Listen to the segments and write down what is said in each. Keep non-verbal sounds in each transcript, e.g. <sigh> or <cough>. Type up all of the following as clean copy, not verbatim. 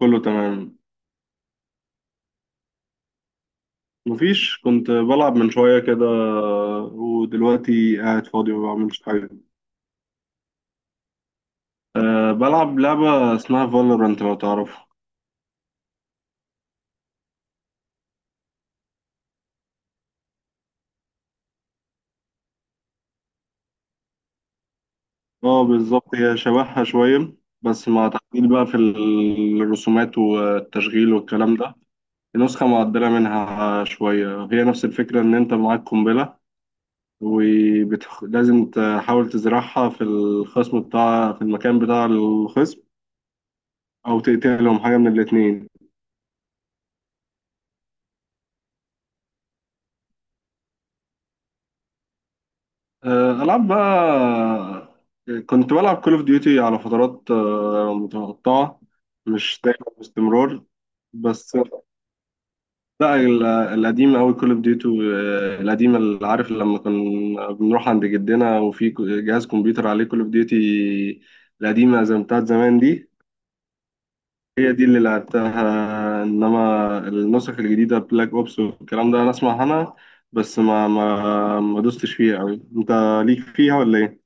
كله تمام. مفيش، كنت بلعب من شوية كده ودلوقتي قاعد فاضي ما بعملش حاجة. أه، بلعب لعبة اسمها فالورانت لو تعرفها. اه بالظبط، هي شبهها شوية بس مع تعديل بقى في الرسومات والتشغيل والكلام ده. نسخة معدلة منها شوية، هي نفس الفكرة إن أنت معاك قنبلة ولازم تحاول تزرعها في الخصم بتاع، في المكان بتاع الخصم، أو تقتلهم، حاجة من الاتنين. ألعاب بقى. كنت بلعب كول اوف ديوتي على فترات متقطعة، مش دايما باستمرار. بس لا، القديم أوي كول اوف ديوتي القديمة، اللي عارف لما كنا بنروح عند جدنا وفي جهاز كمبيوتر عليه كول اوف ديوتي القديمة زي بتاعت زمان دي. هي دي اللي لعبتها، إنما النسخ الجديدة بلاك أوبس والكلام ده أنا أسمع عنها بس ما دوستش فيها أوي. أنت ليك فيها ولا إيه؟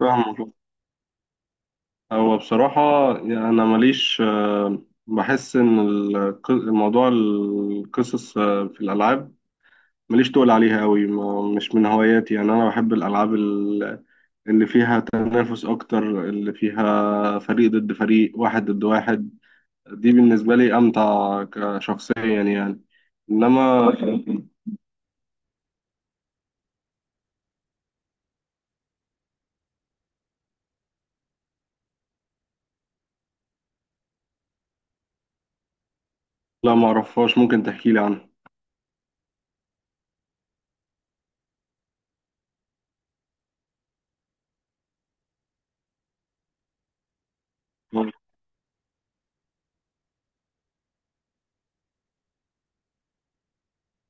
فاهمك. هو بصراحة يعني أنا ماليش، بحس إن الموضوع، القصص في الألعاب، ماليش تقول عليها أوي، مش من هواياتي. يعني أنا بحب الألعاب اللي فيها تنافس أكتر، اللي فيها فريق ضد فريق، واحد ضد واحد. دي بالنسبة لي أمتع كشخصيا يعني. إنما <laughs> لا، معرفهاش، ممكن تحكيلي عنها.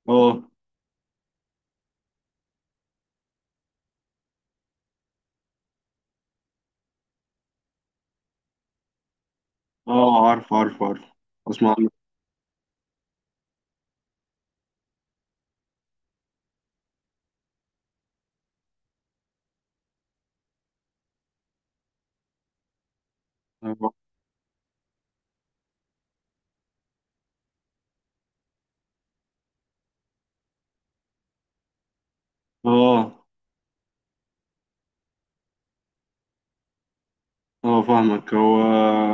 آه. آه، عارف عارف عارف. أسمع عنها. آه. اه فاهمك. هو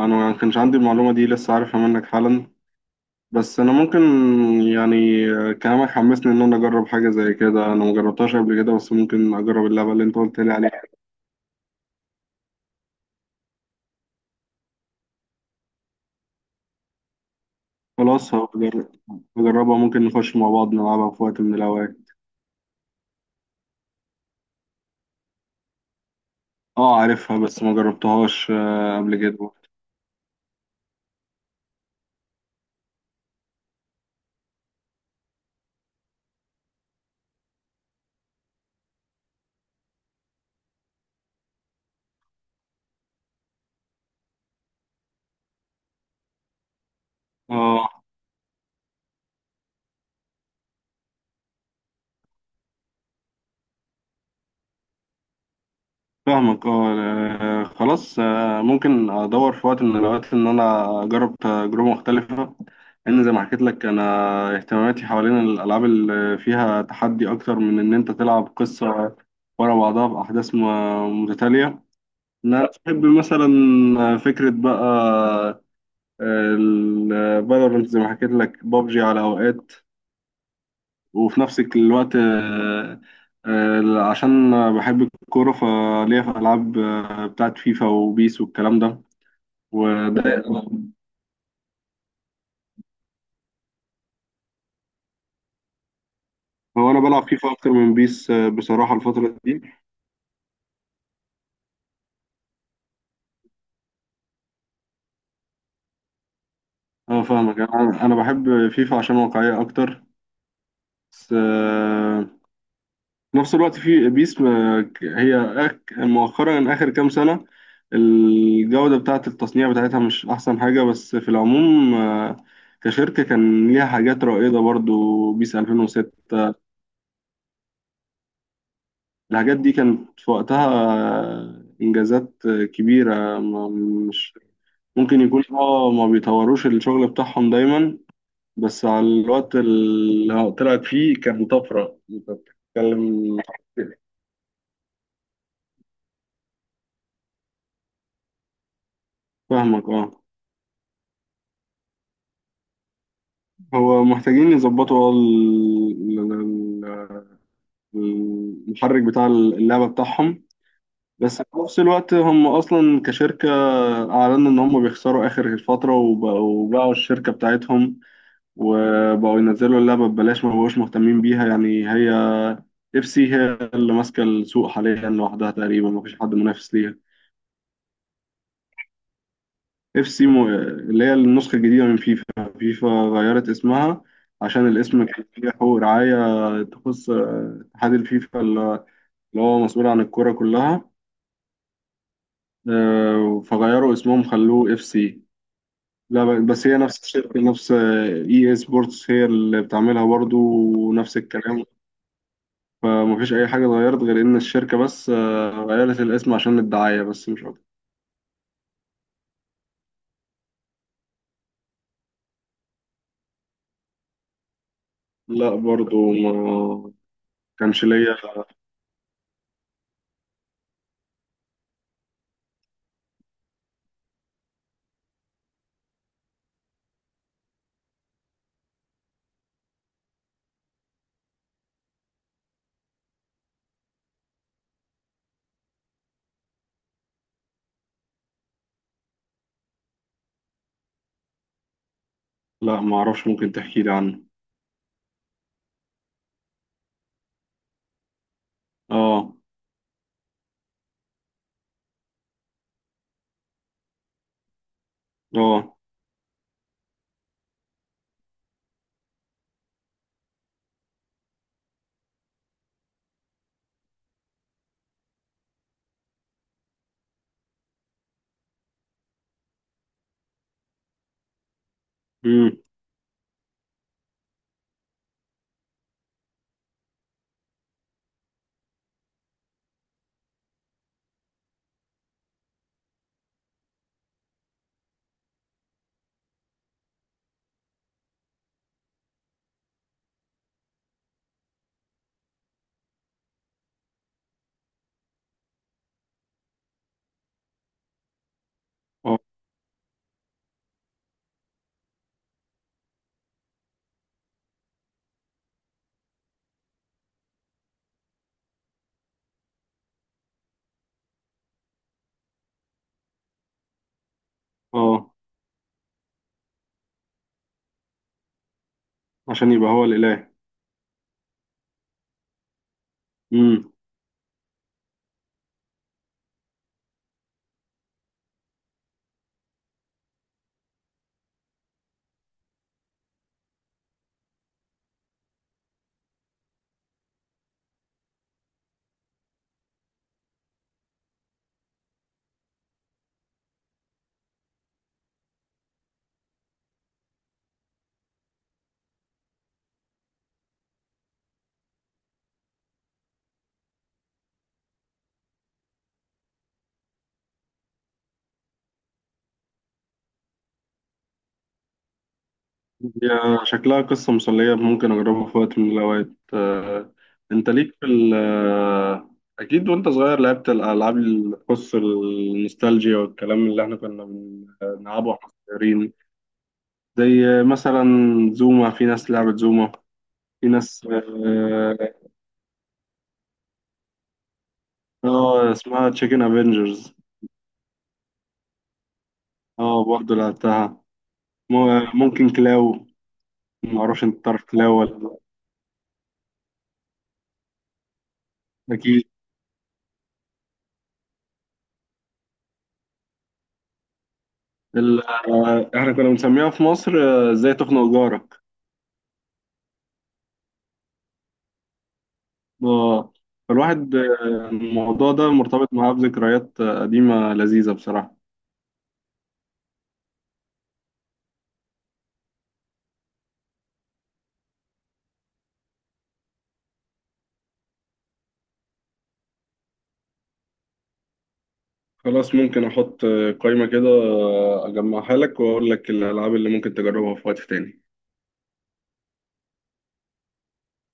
انا ما كانش عندي المعلومه دي، لسه عارفها منك حالا. بس انا ممكن، يعني كلامك حمسني ان انا اجرب حاجه زي كده. انا ما جربتهاش قبل كده بس ممكن اجرب اللعبه اللي انت قلت لي عليها. خلاص هجربها، ممكن نخش مع بعض نلعبها في وقت من الاوقات. اه عارفها بس ما جربتهاش قبل كده. اه فاهمك اه. خلاص، ممكن ادور في وقت من الاوقات ان انا اجرب تجربه مختلفه، لان زي ما حكيت لك انا اهتماماتي حوالين الالعاب اللي فيها تحدي اكتر من ان انت تلعب قصه ورا بعضها باحداث متتاليه. انا بحب مثلا، فكره بقى الفالورنت زي ما حكيت لك، بابجي على اوقات. وفي نفس الوقت، عشان بحب الكورة، فليا في ألعاب بتاعت فيفا وبيس والكلام ده وده. هو أنا بلعب فيفا أكتر من بيس بصراحة الفترة دي. أه فاهمك. أنا بحب فيفا عشان واقعية أكتر. بس في نفس الوقت في بيس، هي مؤخرا آخر كام سنة الجودة بتاعة التصنيع بتاعتها مش أحسن حاجة. بس في العموم كشركة كان ليها حاجات رائدة برضو، بيس 2006، الحاجات دي كانت في وقتها إنجازات كبيرة. مش ممكن يكون اه ما بيطوروش الشغل بتاعهم دايما، بس على الوقت اللي طلعت فيه كان طفرة أنت بتتكلم. فاهمك اه. هو محتاجين يظبطوا المحرك بتاع اللعبة بتاعهم. بس في نفس الوقت هم أصلا كشركة أعلنوا إن هم بيخسروا آخر الفترة وبقوا باعوا الشركة بتاعتهم وبقوا ينزلوا اللعبة ببلاش، ما بقوش مهتمين بيها يعني. هي إف سي هي اللي ماسكة السوق حاليا لوحدها تقريبا، مفيش حد منافس ليها. اف سي مو، اللي هي النسخة الجديدة من فيفا. فيفا غيرت اسمها عشان الاسم كان فيه حقوق رعاية تخص اتحاد الفيفا اللي هو مسؤول عن الكرة كلها. فغيروا اسمهم خلوه اف سي. لا، بس هي نفس الشركة، نفس اي اي سبورتس هي اللي بتعملها برضو، ونفس الكلام. فمفيش أي حاجة اتغيرت غير إن الشركة بس غيرت الاسم عشان الدعاية بس، مش أكتر. لا برضو ما كانش ليا. لا ما أعرفش، ممكن تحكي لي عنه. اه. اه. امم. اه. اه، عشان يبقى هو الإله. امم. هي شكلها قصة مسلية، ممكن أجربها في وقت من الأوقات. أنت ليك في ال آه، أكيد، وأنت صغير لعبت الألعاب اللي تخص النوستالجيا والكلام اللي إحنا كنا بنلعبه وإحنا صغيرين. زي مثلا زوما، في ناس لعبت زوما، في ناس آه، اسمها تشيكن افنجرز. اه برضه لعبتها. ممكن كلاو، معرفش انت تعرف كلاو ولا لأ. اكيد. احنا كنا بنسميها في مصر ازاي تخنق جارك. آه، فالواحد، الموضوع ده مرتبط معاه بذكريات قديمة لذيذة بصراحة. خلاص، ممكن احط قائمة كده، اجمعها لك واقول لك الالعاب اللي ممكن تجربها في وقت تاني.